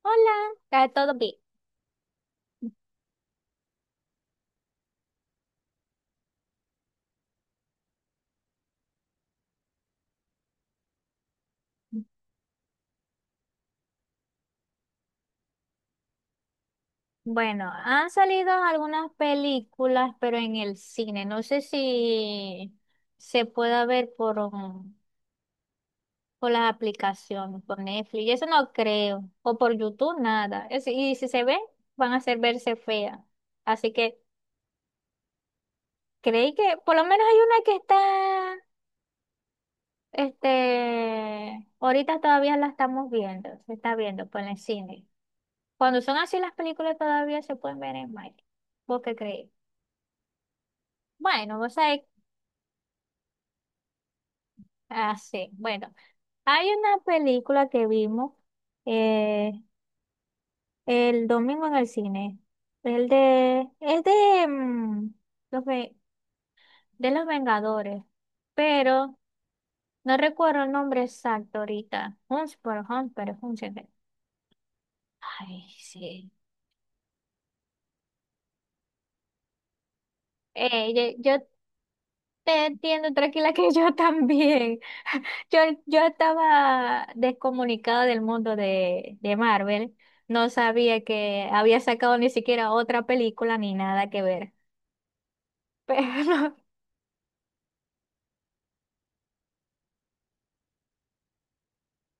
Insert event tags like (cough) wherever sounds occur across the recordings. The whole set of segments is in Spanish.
Hola, ¿está todo bien? Bueno, han salido algunas películas, pero en el cine. No sé si se pueda ver por, por las aplicaciones, por Netflix. Eso no creo. O por YouTube, nada. Es- y si se ve, van a hacer verse feas. Así que creí que por lo menos hay una que está, ahorita todavía la estamos viendo. Se está viendo por el cine. Cuando son así las películas todavía se pueden ver en Mike. ¿Vos qué crees? Bueno, vos sabés, así bueno, hay una película que vimos eh, el domingo en el cine, el de, es de, mm, los, ve- de los Vengadores, pero no recuerdo el nombre exacto ahorita, Hunts por Hunts, pero Hunts, ay, sí. Eh, yo, yo Te entiendo, tranquila, que yo también. (laughs) Yo, yo estaba descomunicada del mundo de Marvel. No sabía que había sacado ni siquiera otra película ni nada que ver. Pero,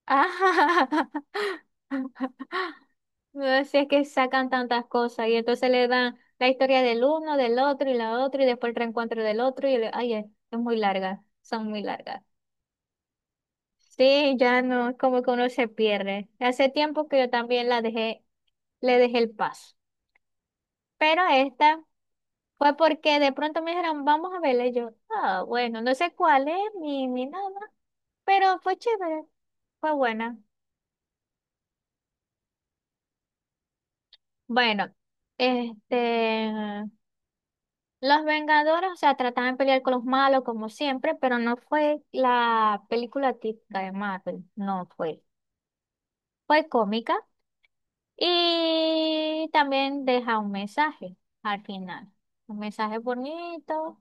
(laughs) ajá. No sé, es que sacan tantas cosas y entonces le dan la historia del uno, del otro y la otra y después el reencuentro del otro y le- ay, es muy larga, son muy largas. Sí, ya no, es como que uno se pierde. Hace tiempo que yo también la dejé le dejé el paso. Pero esta fue porque de pronto me dijeron, vamos a verla. Y yo, ah, bueno, no sé cuál es ni nada, pero fue chévere, fue buena. Bueno, este, los Vengadores, o sea, trataban de pelear con los malos como siempre, pero no fue la película típica de Marvel, no fue. Fue cómica y también deja un mensaje al final. Un mensaje bonito,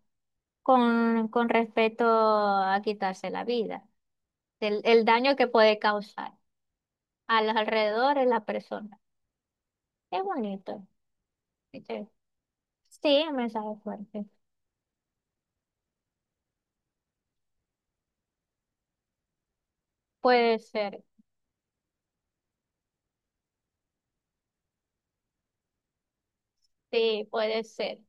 con respecto a quitarse la vida, el daño que puede causar a los alrededores, la persona. Es bonito. ¿Viste? Sí, un mensaje fuerte. Puede ser, sí, puede ser.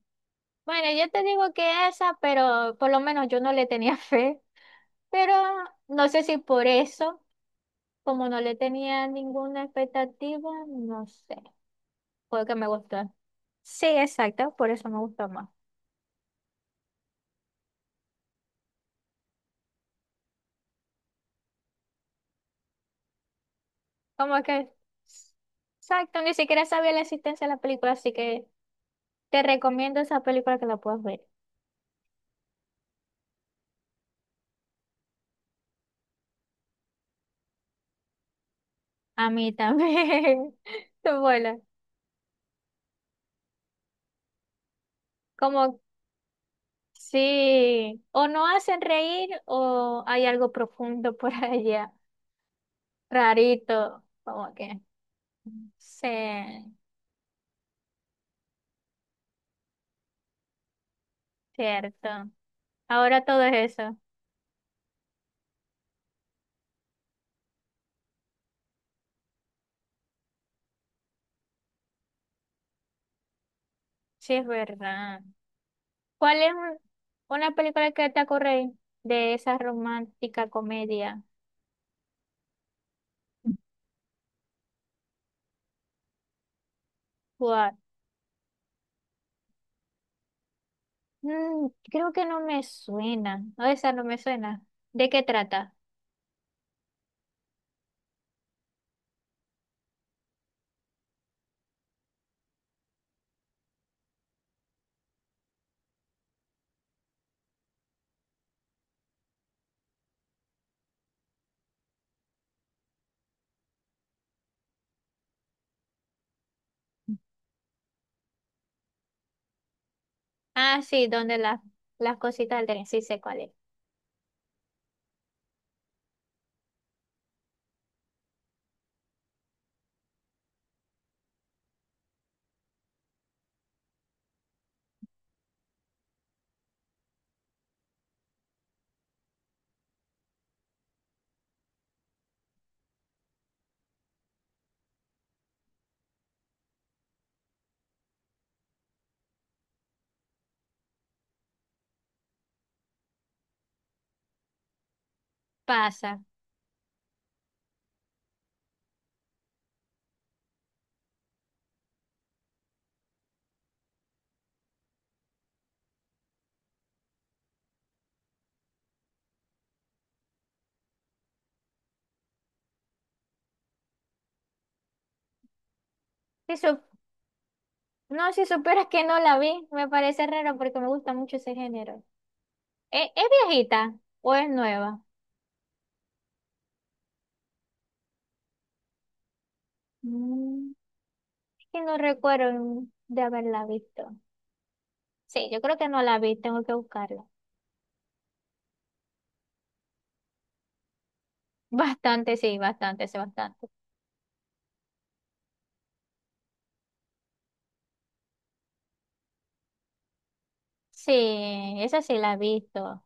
Bueno, yo te digo que esa, pero por lo menos yo no le tenía (laughs) fe, pero no sé si por eso, como no le tenía ninguna expectativa, no sé, fue que me gustó. Sí, exacto, por eso me gustó más. Como que, exacto, ni siquiera sabía la existencia de la película, así que te recomiendo esa película que la puedas ver. A mí también. (laughs) Bueno, como sí, o no hacen reír o hay algo profundo por allá, rarito, como que. Sí, cierto. Ahora todo es eso. Sí, es verdad. ¿Cuál es un- una película que te ocurre de esa romántica comedia? Cuál. Mm, creo que no me suena. No, esa no me suena. ¿De qué trata? Ah, sí, donde las cositas del tren. Sí sé cuál es. Pasa. Si sup- no, si supieras que no la vi, me parece raro porque me gusta mucho ese género. ¿E- ¿Es, viejita o es nueva? Mm, es que no recuerdo de haberla visto. Sí, yo creo que no la vi, tengo que buscarla. (laughs) Bastante, sí, bastante, sí, bastante. Sí, esa sí la he visto.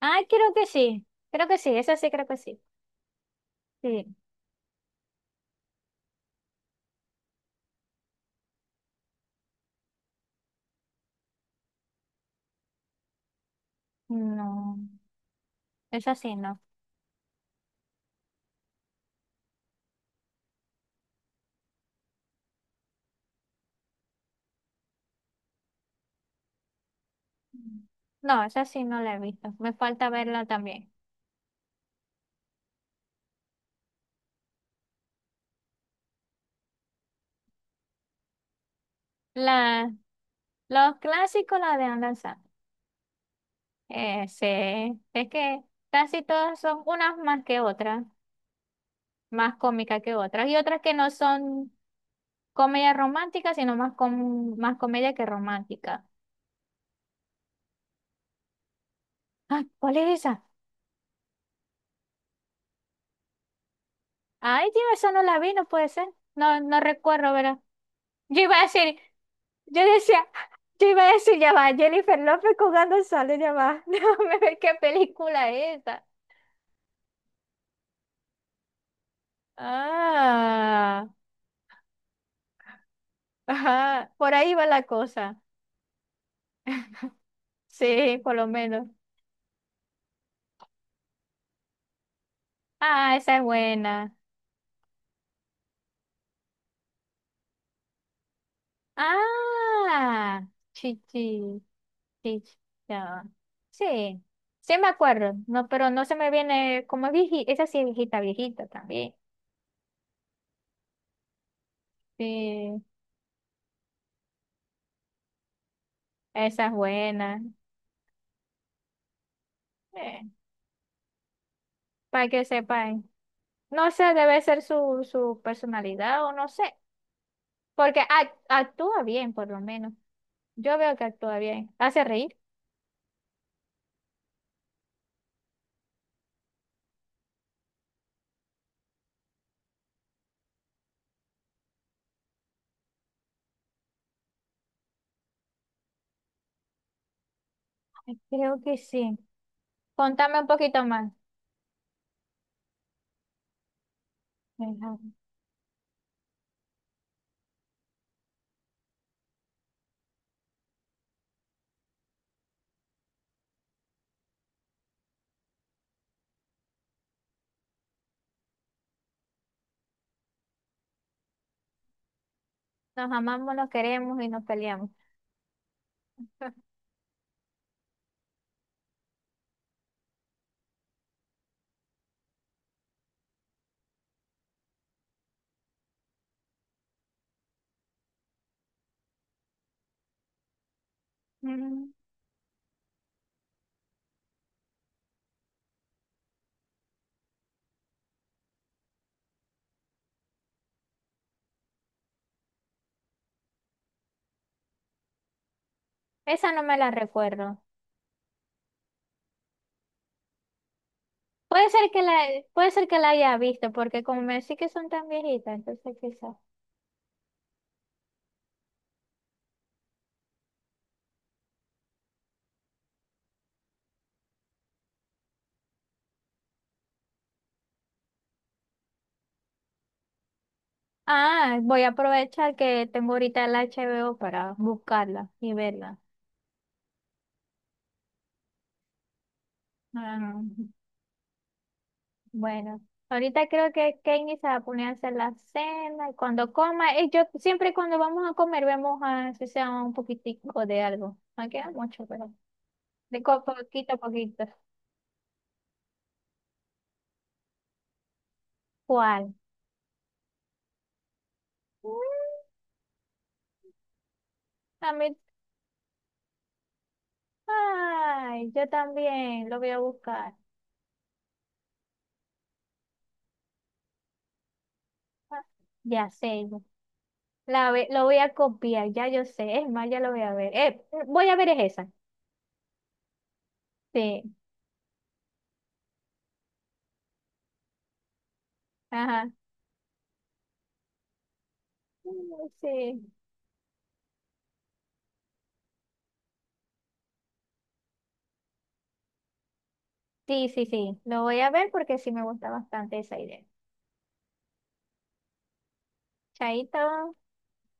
Ah, creo que sí. Creo que sí, esa sí creo que sí. Sí. No, esa sí no. No, esa sí no la he visto. Me falta verla también. La, los clásicos, la de Adam Sandler. Ese, es que casi todas son unas más que otras, más cómicas que otras, y otras que no son comedia romántica, sino más, com- más comedia que romántica. Ah, ¿cuál es esa? Ay, tío, esa no la vi, no puede ser. No, no recuerdo, ¿verdad? Yo iba a decir, yo decía, yo iba a decir, ya va, Jennifer López con Adam Sandler, ya va, (laughs) déjame ver qué película es esa. Ah, ajá, por ahí va la cosa. Sí, por lo menos. Ah, esa es buena. Ah, chichi, chichi, ya va. Sí, sí me acuerdo, no, pero no se me viene como viejita, esa sí es viejita, viejita también. Sí, esa es buena. Eh, para que sepan. No sé, debe ser su personalidad o no sé, porque ac- actúa bien por lo menos. Yo veo que actúa bien. ¿Hace reír? Ay, creo que sí. Contame un poquito más. Ajá. Nos amamos, nos queremos y nos peleamos. (laughs) Mm, esa no me la recuerdo. Puede ser que la, puede ser que la haya visto, porque como me decís que son tan viejitas, entonces quizás. Ah, voy a aprovechar que tengo ahorita el HBO para buscarla y verla. Ah. Bueno, ahorita creo que Kenny se va a poner a hacer la cena y cuando coma, y yo siempre cuando vamos a comer vemos a si sea un poquitico de algo. No queda mucho, pero de co- poquito a poquito. ¿Cuál? Mm, a mí, ay, yo también lo voy a buscar. Ah, ya sé, la, ve- lo voy a copiar, ya yo sé, es más, ya lo voy a ver. Voy a ver es esa. Sí, ajá. Mm, Sí, sí, sí, sí lo voy a ver porque sí me gusta bastante esa idea. Chaito.